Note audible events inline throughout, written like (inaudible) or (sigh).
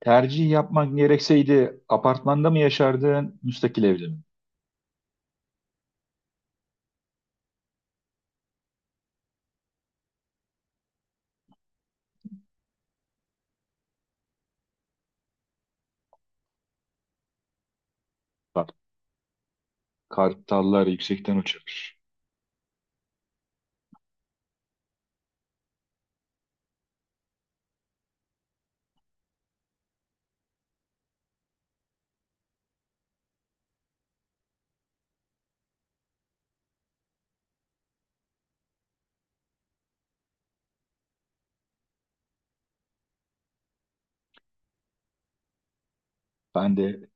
Tercih yapmak gerekseydi apartmanda mı yaşardın, müstakil evde mi? Bak, kartallar yüksekten uçar. Ben de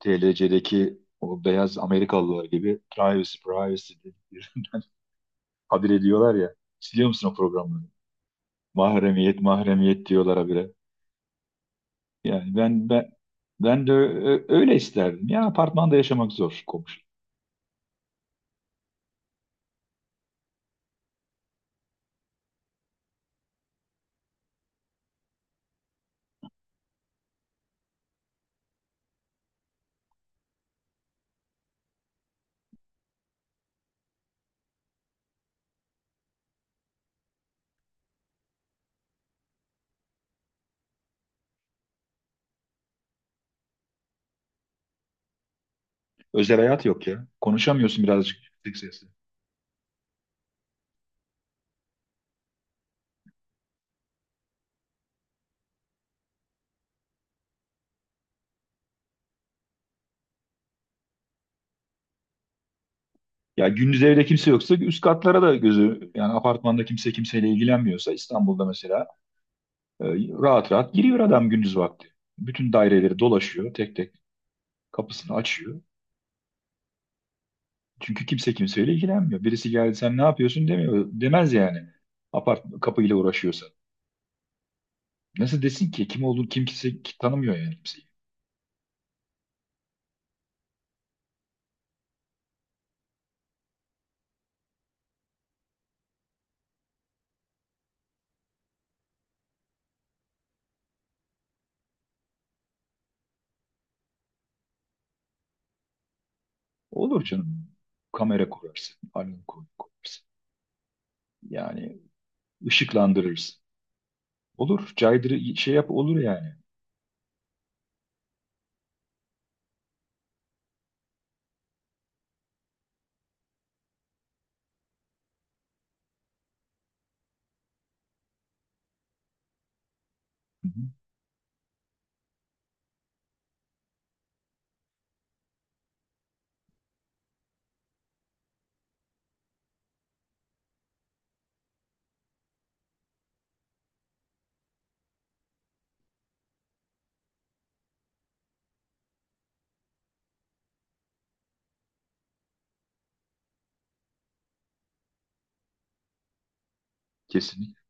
TLC'deki o beyaz Amerikalılar gibi privacy, privacy diye bir (laughs) habire diyorlar ya. Siliyor musun o programları? Mahremiyet, mahremiyet diyorlar habire. Yani ben de öyle isterdim. Ya apartmanda yaşamak zor komşu. Özel hayat yok ya. Konuşamıyorsun birazcık yüksek sesle. Ya gündüz evde kimse yoksa üst katlara da gözü, yani apartmanda kimse kimseyle ilgilenmiyorsa İstanbul'da mesela, e, rahat rahat giriyor adam gündüz vakti. Bütün daireleri dolaşıyor, tek tek kapısını açıyor. Çünkü kimse kimseyle ilgilenmiyor. Birisi geldi, sen ne yapıyorsun demiyor, demez yani. Apart kapıyla uğraşıyorsa. Nasıl desin ki kim olduğunu kimse tanımıyor yani, kimseyi. Olur canım. Kamera kurarsın, alarm kurarsın. Yani ışıklandırırsın. Olur, caydırı şey yap, olur yani. Hı hı. Kesinlikle.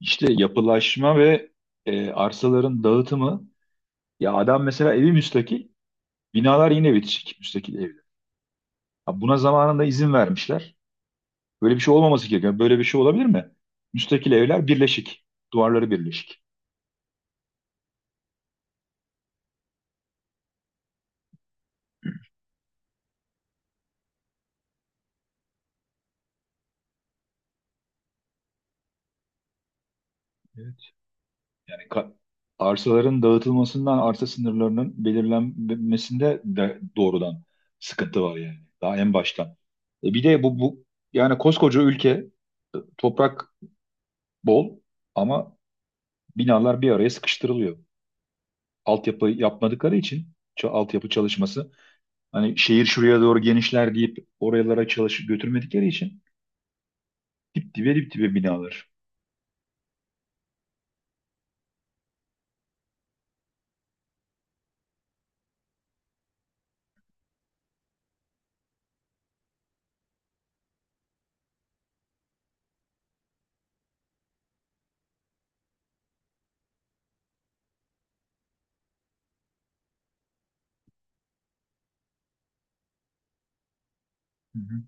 İşte yapılaşma ve arsaların dağıtımı. Ya adam mesela evi müstakil, binalar yine bitişik müstakil evler. Ha, buna zamanında izin vermişler. Böyle bir şey olmaması gerekiyor. Böyle bir şey olabilir mi? Müstakil evler birleşik. Duvarları birleşik. Evet. Yani arsaların dağıtılmasından, arsa sınırlarının belirlenmesinde de doğrudan sıkıntı var yani. Daha en baştan. E bir de bu yani koskoca ülke, toprak bol, ama binalar bir araya sıkıştırılıyor. Altyapı yapmadıkları için, altyapı çalışması, hani şehir şuraya doğru genişler deyip oralara çalış götürmedikleri için dip dibe dip dibe binalar. Hı hı.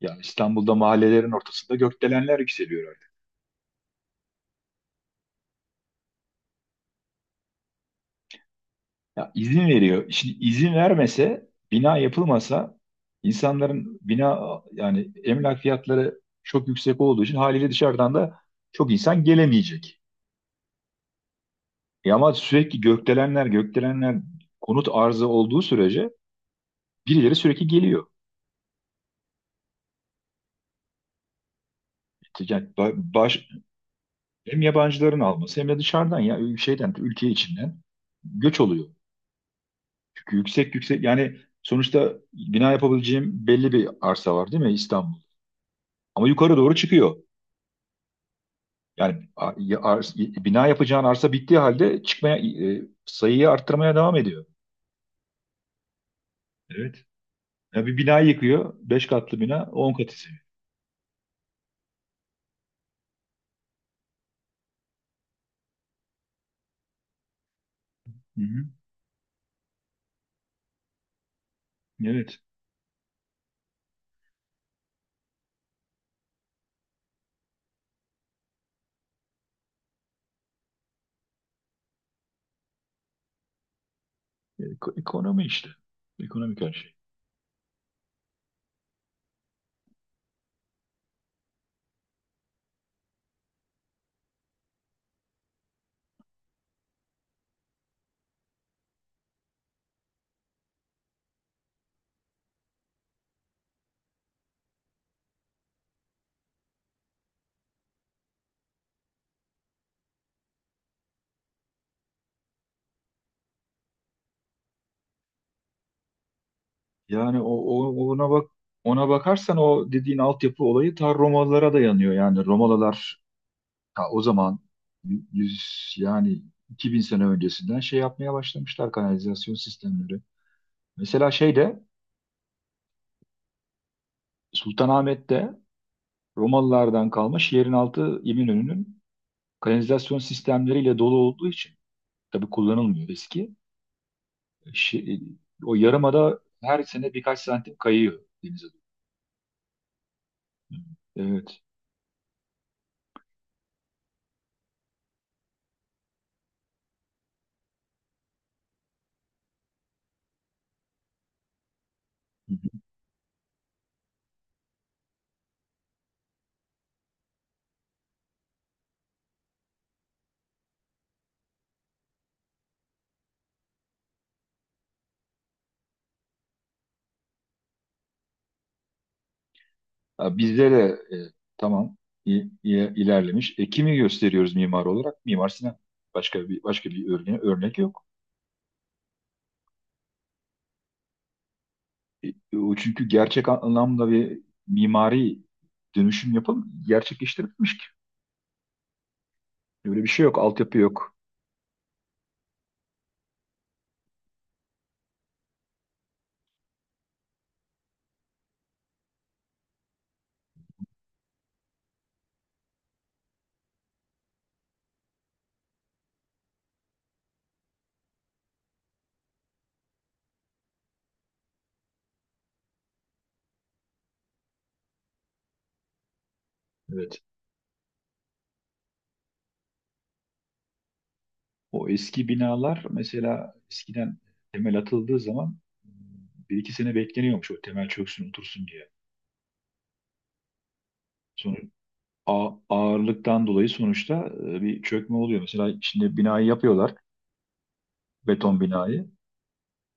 Ya İstanbul'da mahallelerin ortasında gökdelenler yükseliyor artık. Ya izin veriyor. Şimdi izin vermese, bina yapılmasa, insanların bina, yani emlak fiyatları çok yüksek olduğu için, haliyle dışarıdan da çok insan gelemeyecek. E ama sürekli gökdelenler gökdelenler, konut arzı olduğu sürece birileri sürekli geliyor. Yani hem yabancıların alması, hem de dışarıdan, ya şeyden, ülke içinden göç oluyor. Çünkü yüksek yüksek, yani sonuçta bina yapabileceğim belli bir arsa var değil mi İstanbul? Ama yukarı doğru çıkıyor. Yani bina yapacağın arsa bittiği halde, çıkmaya, sayıyı arttırmaya devam ediyor. Evet. Ya bir bina yıkıyor, 5 katlı bina 10 katı seviyor. Hı hı. Evet. E- Ekonomi işte. Ekonomik her şey. Yani ona bakarsan o dediğin altyapı olayı ta Romalılara dayanıyor. Yani Romalılar ta o zaman yüz yani 2000 sene öncesinden şey yapmaya başlamışlar, kanalizasyon sistemleri. Mesela Sultanahmet'te, Romalılardan kalma şehrin altı, İminönü'nün kanalizasyon sistemleriyle dolu olduğu için, tabii kullanılmıyor eski. Şi- O yarımada her sene birkaç santim kayıyor denize. Evet. Ha, bizde de, e, tamam, ilerlemiş. Kimi gösteriyoruz mimar olarak? Mimar Sinan. Başka bir örnek yok. E, e, O çünkü gerçek anlamda bir mimari dönüşüm yapım gerçekleştirilmiş ki. Öyle bir şey yok, altyapı yok. Evet. O eski binalar mesela eskiden temel atıldığı zaman bir iki sene bekleniyormuş, o temel çöksün otursun diye. Sonra ağırlıktan dolayı sonuçta, bir çökme oluyor. Mesela şimdi binayı yapıyorlar, beton binayı.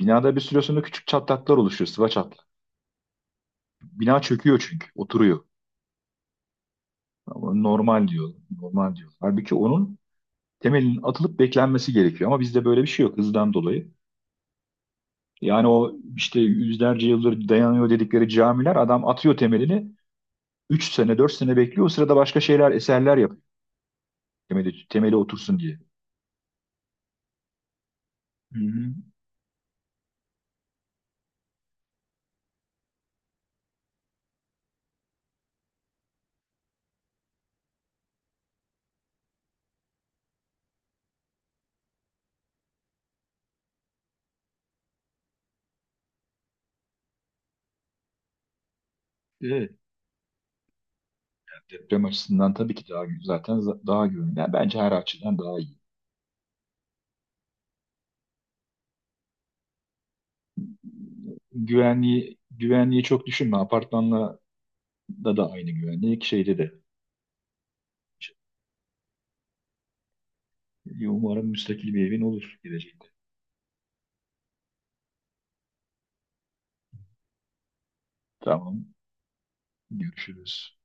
Binada bir süre sonra küçük çatlaklar oluşuyor, sıva çatlak. Bina çöküyor çünkü, oturuyor. Ama normal diyor, normal diyor. Halbuki onun temelinin atılıp beklenmesi gerekiyor. Ama bizde böyle bir şey yok, hızdan dolayı. Yani o işte yüzlerce yıldır dayanıyor dedikleri camiler, adam atıyor temelini, 3 sene, 4 sene bekliyor. O sırada başka şeyler, eserler yapıyor. Temeli, temeli otursun diye. Hı hı. Evet. Deprem açısından tabii ki daha zaten daha güvenli. Yani bence her açıdan daha iyi. Güvenliği güvenliği çok düşünme. Apartmanla da aynı güvenlik, şeyde de. Umarım müstakil bir evin olur geleceğinde. Tamam. Görüşürüz.